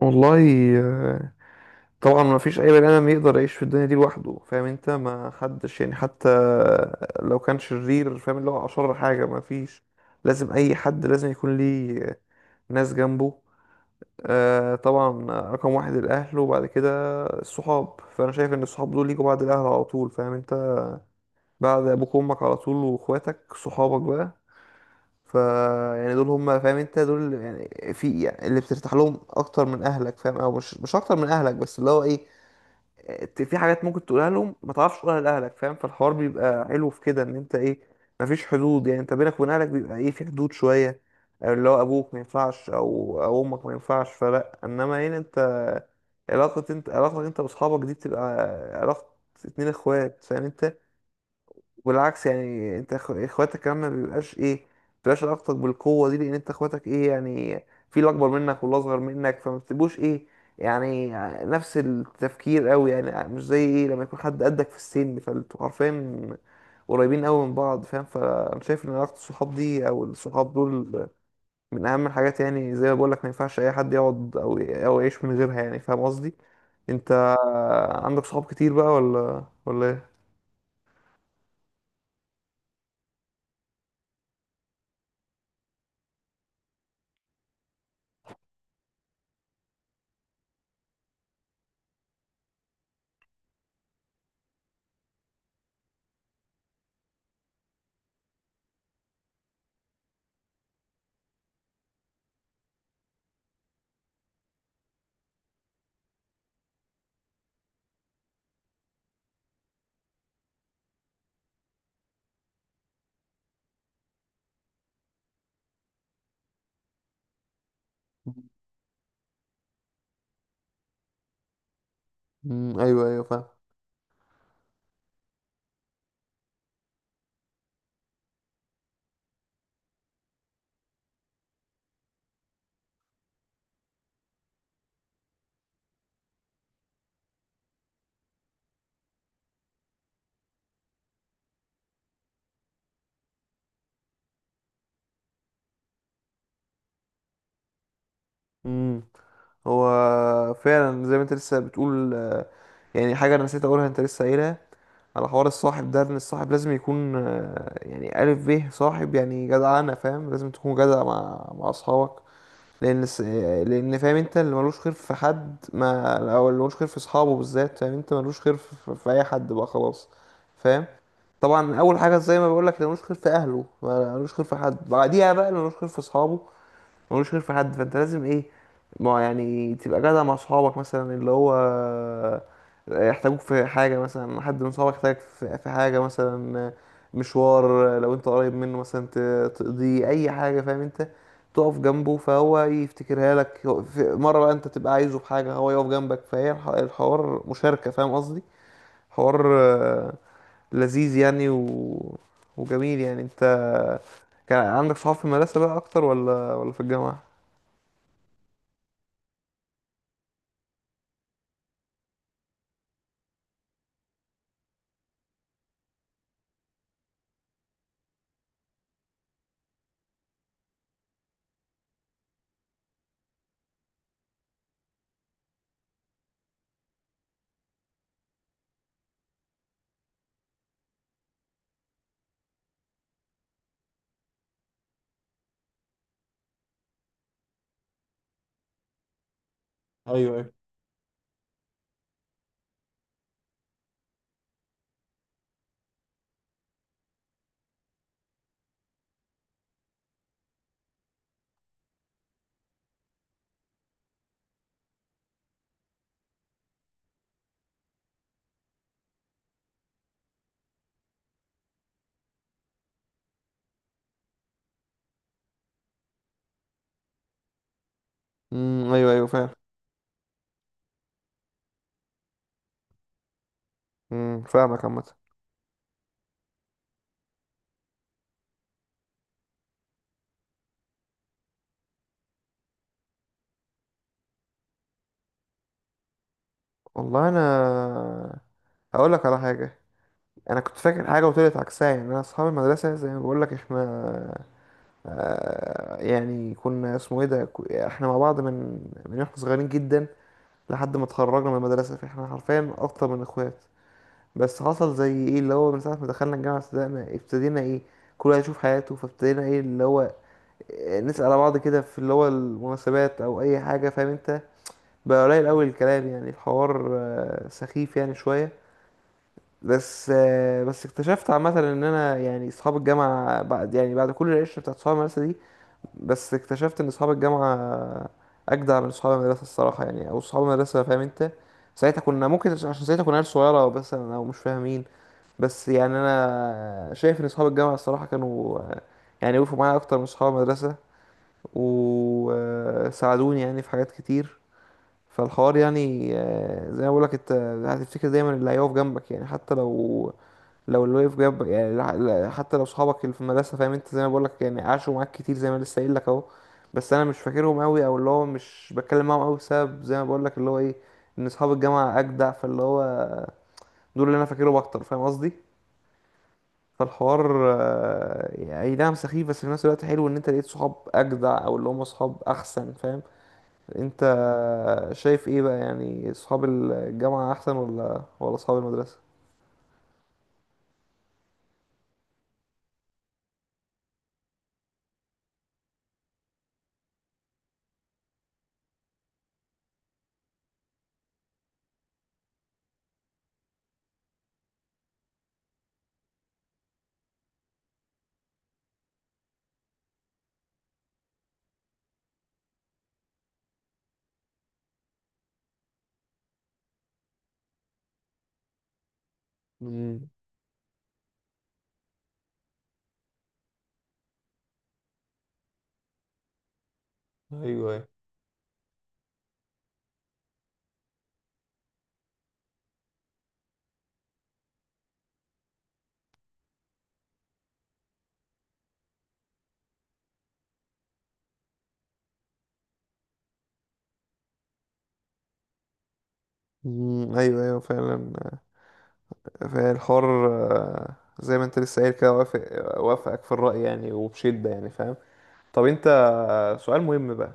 والله، آه، طبعا ما فيش اي بني ادم يقدر يعيش في الدنيا دي لوحده. فاهم انت؟ ما حدش، يعني حتى لو كان شرير، فاهم، اللي هو اشر حاجه، ما فيش. لازم اي حد لازم يكون ليه ناس جنبه. طبعا، رقم واحد الاهل، وبعد كده الصحاب. فانا شايف ان الصحاب دول يجوا بعد الاهل على طول، فاهم انت؟ بعد ابوك وامك على طول، واخواتك صحابك بقى. ف يعني دول هم، فاهم انت؟ دول يعني في، يعني اللي بترتاح لهم اكتر من اهلك، فاهم؟ او مش اكتر من اهلك، بس اللي هو ايه، في حاجات ممكن تقولها لهم ما تعرفش تقولها لاهلك، فاهم؟ فالحوار بيبقى حلو في كده، ان انت ايه، مفيش حدود. يعني انت بينك وبين اهلك بيبقى ايه، في حدود شويه. اللي هو ابوك ما ينفعش، او امك ما ينفعش فلا. انما هنا انت، انت علاقتك انت واصحابك دي بتبقى علاقه اتنين اخوات، فاهم انت؟ والعكس، يعني انت اخواتك كمان ما بيبقاش ايه، ما بتبقاش علاقتك بالقوه دي، لان انت اخواتك ايه، يعني في اللي اكبر منك واللي اصغر منك، فما بتبقوش ايه، يعني نفس التفكير قوي، يعني مش زي ايه لما يكون حد قدك في السن، فانتوا عارفين قريبين قوي من بعض، فاهم. فانا شايف ان علاقه الصحاب دي، او الصحاب دول، من اهم الحاجات. يعني زي ما بقول لك، ما ينفعش اي حد يقعد او يعيش من غيرها، يعني فاهم قصدي. انت عندك صحاب كتير بقى ولا ايه؟ امم، ايوه ايوه، فاهم. مم. هو فعلا زي ما انت لسه بتقول، يعني حاجة انا نسيت اقولها انت لسه قايلها، على حوار الصاحب ده، ان الصاحب لازم يكون، يعني ألف به صاحب، يعني جدعانة فاهم، لازم تكون جدع مع اصحابك. لان الس- آه، لان فاهم انت اللي ملوش خير في حد ما، او اللي ملوش خير في اصحابه بالذات، فاهم انت ملوش خير في اي حد بقى خلاص، فاهم. طبعا اول حاجه زي ما بقول لك، اللي ملوش خير في اهله ملوش خير في حد، بعديها بقى اللي ملوش خير في اصحابه ملوش خير في حد. فانت لازم ايه، ما يعني تبقى جدع مع صحابك، مثلا اللي هو يحتاجوك في حاجة، مثلا حد من صحابك يحتاجك في حاجة، مثلا مشوار، لو انت قريب منه مثلا تقضي اي حاجة، فاهم انت، تقف جنبه فهو يفتكرها لك. في مرة بقى انت تبقى عايزه في حاجة، هو يقف جنبك. فهي الحوار مشاركة، فاهم قصدي؟ حوار لذيذ يعني، وجميل يعني. انت كان عندك صحاب في المدرسة بقى اكتر ولا في الجامعة؟ ايوه ايوه. امم، ايوه ايوه فعلا. امم، فاهمك عامه. والله انا هقول لك على حاجه. انا كنت فاكر حاجه وطلعت عكسها. يعني انا اصحاب المدرسه زي ما بقول لك، احنا يعني كنا اسمه ايه ده، احنا مع بعض من احنا صغيرين جدا، لحد ما اتخرجنا من المدرسه. فاحنا حرفيا اكتر من اخوات. بس حصل زي ايه، اللي هو من ساعه ما دخلنا الجامعه، ابتدينا ايه، كل واحد يشوف حياته. فابتدينا ايه اللي هو نسأل على بعض كده في اللي هو المناسبات او اي حاجه، فاهم انت. بقى قليل قوي الكلام، يعني الحوار سخيف يعني شوية. بس اكتشفت عامة ان انا يعني اصحاب الجامعة، بعد كل العشرة بتاعت اصحاب المدرسة دي، بس اكتشفت ان اصحاب الجامعة اجدع من اصحاب المدرسة الصراحة يعني. او اصحاب المدرسة فاهم انت، ساعتها كنا ممكن، عشان ساعتها كنا عيال صغيرة او بس، او مش فاهمين. بس يعني انا شايف ان اصحاب الجامعة الصراحة كانوا يعني وقفوا معايا اكتر من اصحاب المدرسة، وساعدوني يعني في حاجات كتير. فالحوار يعني زي ما بقول لك، انت هتفتكر دايما اللي هيقف جنبك. يعني حتى لو اللي واقف جنبك يعني، حتى لو صحابك اللي في المدرسه، فاهم انت، زي ما بقول لك، يعني عاشوا معاك كتير، زي ما لسه قايل لك اهو. بس انا مش فاكرهم قوي، او اللي هو مش بتكلم معاهم قوي، بسبب زي ما بقول لك اللي هو ايه، ان اصحاب الجامعه اجدع، فاللي هو دول اللي انا فاكرهم اكتر، فاهم قصدي. فالحوار يعني اي نعم سخيف، بس في نفس الوقت حلو، ان انت لقيت صحاب اجدع، او اللي هم صحاب احسن، فاهم. انت شايف ايه بقى، يعني اصحاب الجامعة احسن ولا اصحاب المدرسة؟ امم، ايوه ايوه. مم، ايوه ايوه فعلا. فعلا الحوار زي ما انت لسه قايل كده، وافقك في الرأي يعني، وبشدة يعني، فاهم. طب انت سؤال مهم بقى.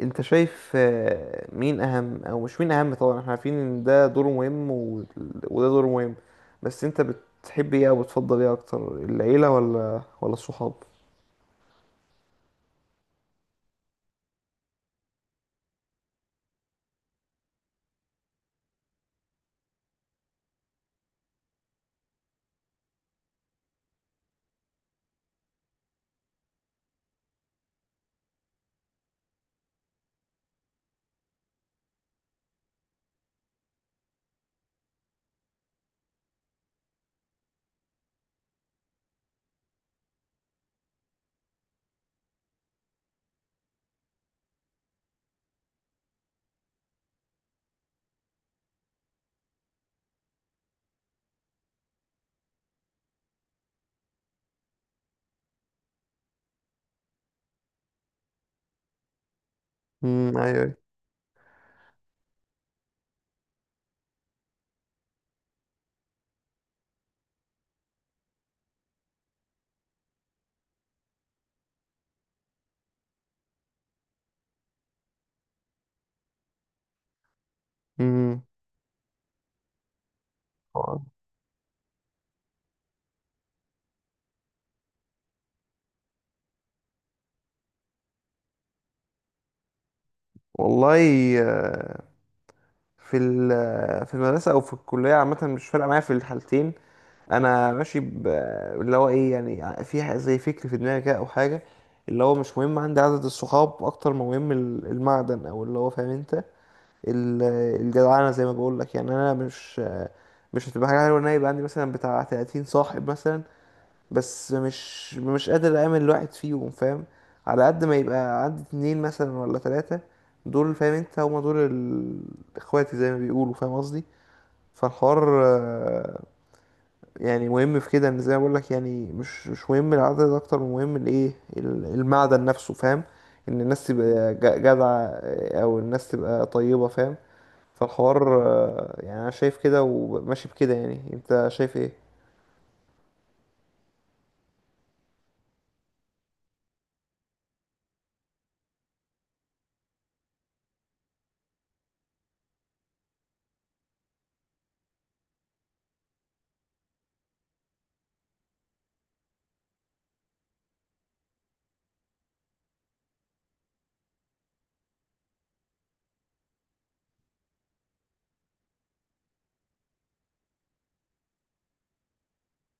انت شايف مين اهم، او مش مين اهم، طبعا احنا عارفين ان ده دوره مهم، وده دوره مهم، بس انت بتحب ايه، او بتفضل ايه اكتر، العيلة ولا الصحاب؟ امم، ايوه ايوه. آه، والله، آه، في في المدرسة أو في الكلية عامة، مش فارقة معايا في الحالتين. أنا ماشي اللي هو إيه، يعني في زي فكر في دماغي كده أو حاجة، اللي هو مش مهم عندي عدد الصحاب، أكتر ما مهم المعدن، أو اللي هو فاهم أنت الجدعنة، زي ما بقول لك. يعني أنا مش هتبقى حاجة حلوة إن أنا يبقى عندي مثلا بتاع 30 صاحب مثلا، بس مش قادر اعمل الواحد فيهم، فاهم. على قد ما يبقى عندي اتنين مثلا ولا تلاتة، دول فاهم انت، هما دول اخواتي زي ما بيقولوا، فاهم قصدي. فالحوار يعني مهم في كده، ان زي ما بقول لك، يعني مش مهم العدد، اكتر من مهم المعدن نفسه، فاهم. ان الناس تبقى جدعة، او الناس تبقى طيبة، فاهم. فالحوار يعني انا شايف كده وماشي بكده، يعني انت شايف ايه؟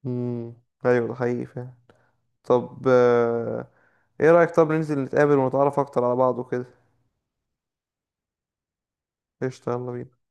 مم. ايوه، ده حقيقي فاهم. طب ايه رأيك، طب ننزل نتقابل ونتعرف اكتر على بعض وكده؟ قشطة، يلا بينا.